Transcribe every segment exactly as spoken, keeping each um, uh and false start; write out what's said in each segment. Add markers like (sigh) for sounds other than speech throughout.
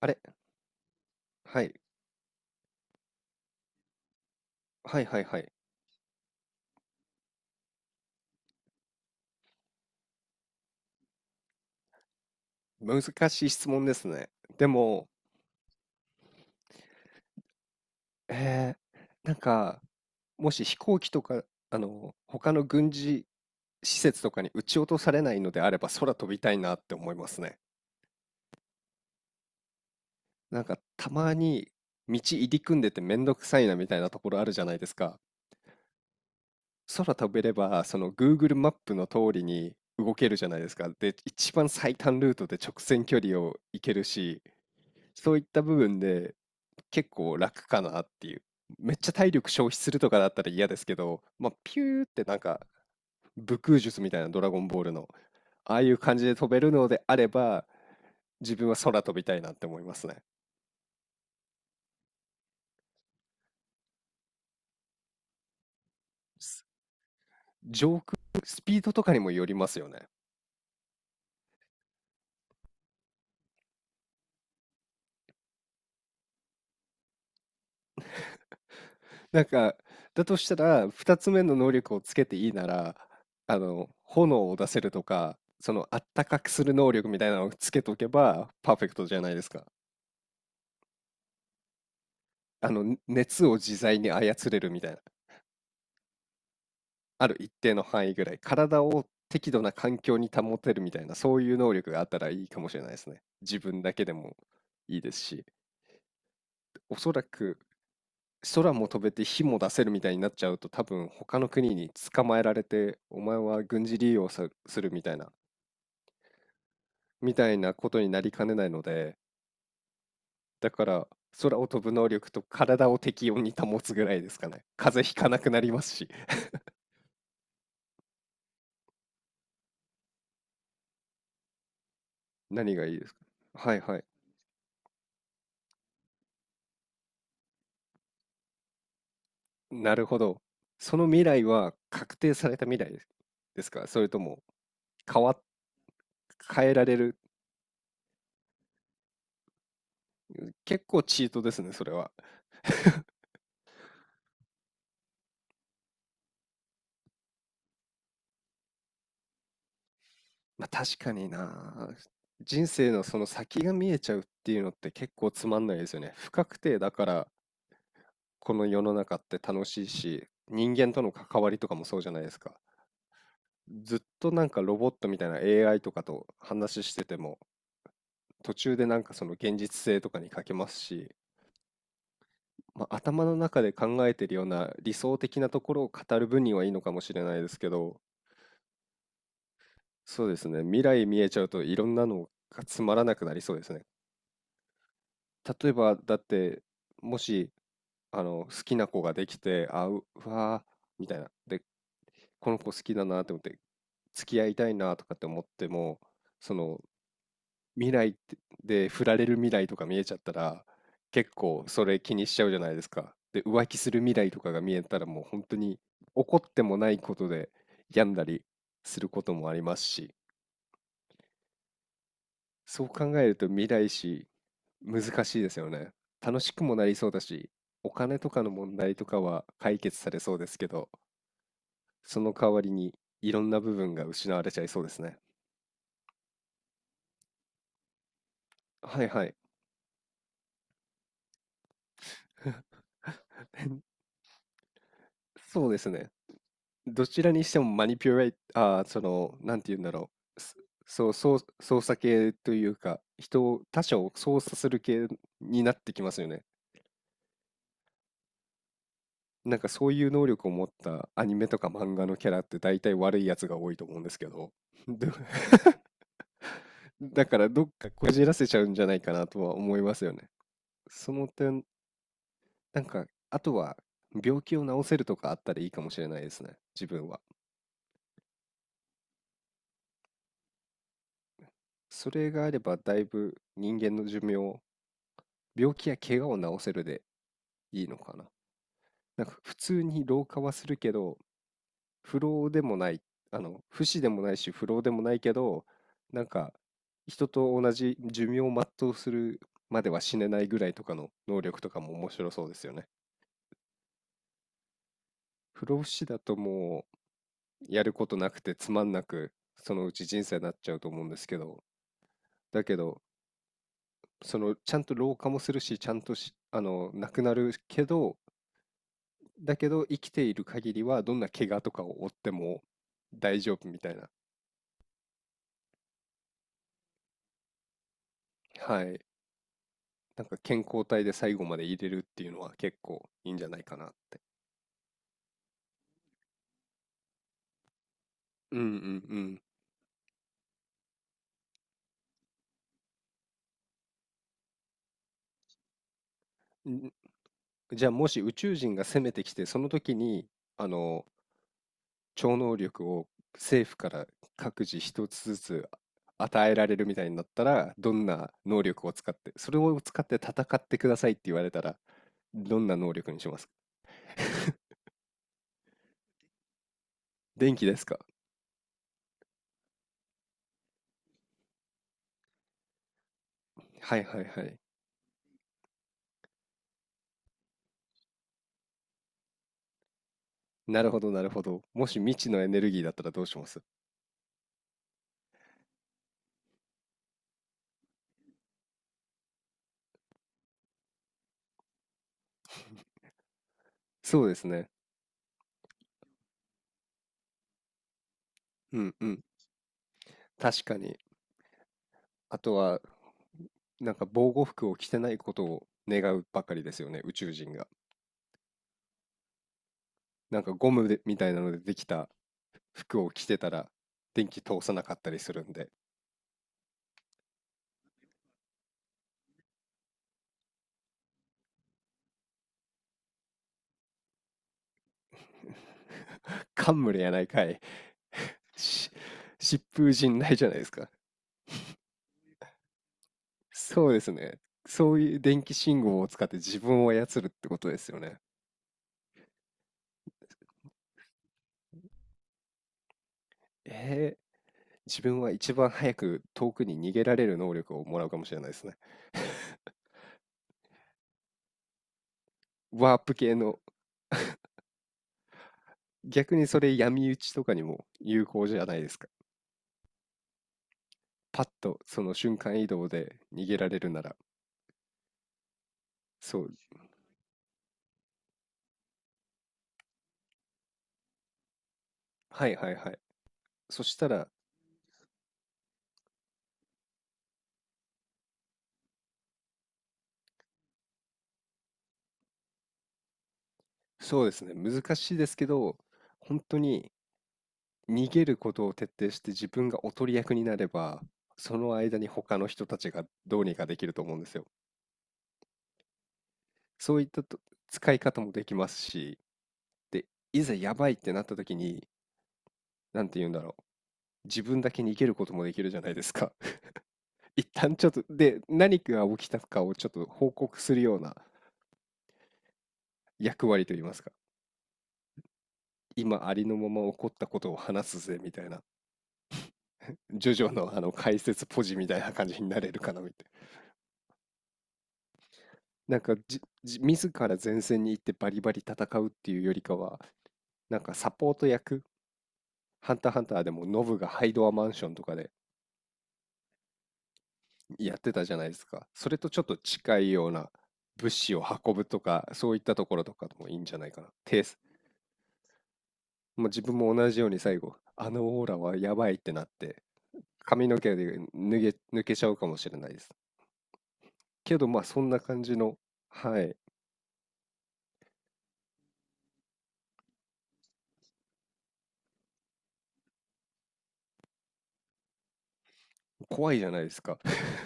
あれ、はい、はいはいはい。難しい質問ですね。でも、えー、なんか、もし飛行機とか、あの、他の軍事施設とかに撃ち落とされないのであれば、空飛びたいなって思いますね。なんか、たまに道入り組んでてめんどくさいなみたいなところあるじゃないですか。空飛べれば、その Google マップの通りに動けるじゃないですか。で、一番最短ルートで直線距離を行けるし、そういった部分で結構楽かなっていう。めっちゃ体力消費するとかだったら嫌ですけど、まあ、ピューってなんか武空術みたいなドラゴンボールの、ああいう感じで飛べるのであれば、自分は空飛びたいなって思いますね。す上空、スピードとかにもよりますよね。(laughs) なんか、だとしたら、二つ目の能力をつけていいなら、あの、炎を出せるとか、その、あったかくする能力みたいなのをつけとけば、パーフェクトじゃないですか。あの、ね熱を自在に操れるみたいな。ある一定の範囲ぐらい。体を適度な環境に保てるみたいな、そういう能力があったらいいかもしれないですね。自分だけでもいいですし。おそらく、空も飛べて火も出せるみたいになっちゃうと多分他の国に捕まえられてお前は軍事利用さするみたいなみたいなことになりかねないので、だから空を飛ぶ能力と体を適温に保つぐらいですかね。風邪ひかなくなりますし。何がいいですか？はいはい。なるほど。その未来は確定された未来ですですか、それとも変わ変えられる？結構チートですね、それは。まあ、確かにな。人生のその先が見えちゃうっていうのって結構つまんないですよね。不確定だからこの世の中って楽しいし、人間との関わりとかもそうじゃないですか。ずっとなんかロボットみたいな エーアイ とかと話してても、途中でなんかその現実性とかに欠けますし、まあ、頭の中で考えてるような理想的なところを語る分にはいいのかもしれないですけど、そうですね。未来見えちゃうといろんなのがつまらなくなりそうですね。例えば、だって、もし、あの、好きな子ができて、あ、う、うわーみたいな。で、この子好きだなと思って、付き合いたいなとかって思っても、その、未来ってで、振られる未来とか見えちゃったら、結構それ気にしちゃうじゃないですか。で、浮気する未来とかが見えたら、もう本当に怒ってもないことで病んだりすることもありますし。そう考えると未来史難しいですよね。楽しくもなりそうだし、お金とかの問題とかは解決されそうですけど、その代わりにいろんな部分が失われちゃいそうですね。はいはい。(laughs) そうですね。どちらにしてもマニピュレイ、ああ、その、なんて言うんだろう。すそう、そう、操作系というか、人を、他者を操作する系になってきますよね。なんかそういう能力を持ったアニメとか漫画のキャラって大体悪いやつが多いと思うんですけど、(laughs) ど、だからどっかこじらせちゃうんじゃないかなとは思いますよね。その点、なんか、あとは病気を治せるとかあったらいいかもしれないですね、自分は。それがあればだいぶ人間の寿命、病気や怪我を治せるでいいのかな。なんか普通に老化はするけど、不老でもない、あの、不死でもないし不老でもないけど、なんか人と同じ寿命を全うするまでは死ねないぐらいとかの能力とかも面白そうですよね。不老不死だともうやることなくてつまんなくそのうち人生になっちゃうと思うんですけど、だけどそのちゃんと老化もするしちゃんとしあのなくなるけど、だけど生きている限りはどんな怪我とかを負っても大丈夫みたいな。はい、なんか健康体で最後まで入れるっていうのは結構いいんじゃないかなって。うんうんうんん。じゃあもし宇宙人が攻めてきてその時に、あの、超能力を政府から各自一つずつ与えられるみたいになったら、どんな能力を使って、それを使って戦ってくださいって言われたら、どんな能力にしますか？電気ですか？はいはいはい。なるほどなるほど。もし未知のエネルギーだったらどうします？そうですね。うんうん。確かに。あとは、なんか防護服を着てないことを願うばかりですよね、宇宙人が。なんかゴムでみたいなのでできた服を着てたら電気通さなかったりするんで。 (laughs) 冠やないかい。し疾風陣雷じゃないですか？そうですね。そういう電気信号を使って自分を操るってことですよね。えー、自分は一番早く遠くに逃げられる能力をもらうかもしれないですね。ワープ系の。逆にそれ闇討ちとかにも有効じゃないですか？パッとその瞬間移動で逃げられるなら、そう、はいはいはい。そしたら、そうですね、難しいですけど、本当に逃げることを徹底して自分がおとり役になれば、その間に他の人たちがどうにかできると思うんですよ。そういったと使い方もできますし、で、いざやばいってなった時に、なんて言うんだろう。自分だけ逃げることもできるじゃないですか。(laughs) 一旦ちょっと、で、何が起きたかをちょっと報告するような役割といいますか。今ありのまま起こったことを話すぜみたいな、ジョジョのあの解説ポジみたいな感じになれるかなみたいな。なんかじ、じ自ら前線に行ってバリバリ戦うっていうよりかは、なんかサポート役、ハンターハンターでもノブがハイドアマンションとかでやってたじゃないですか。それとちょっと近いような物資を運ぶとか、そういったところとかでもいいんじゃないかな。テース、もう自分も同じように最後、あのオーラはやばいってなって、髪の毛で脱げ、抜けちゃうかもしれないです。けど、まあ、そんな感じの、はい、怖いじゃないですか。(laughs)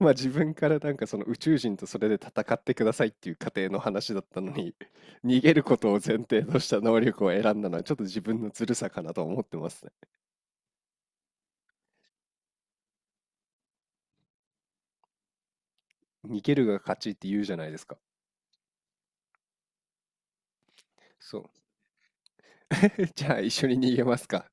まあ、自分からなんかその宇宙人とそれで戦ってくださいっていう過程の話だったのに、(laughs) 逃げることを前提とした能力を選んだのは、ちょっと自分のずるさかなと思ってますね。逃げるが勝ちって言うじゃないですか。そう。(laughs) じゃあ、一緒に逃げますか。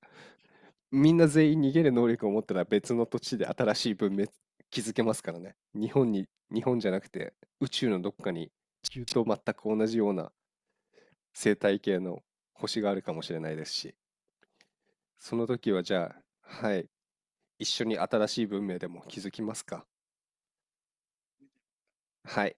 みんな全員逃げる能力を持ったら別の土地で新しい文明築けますからね。日本に、日本じゃなくて宇宙のどっかに地球と全く同じような生態系の星があるかもしれないですし、その時はじゃあ、はい、一緒に新しい文明でも築きますか。はい。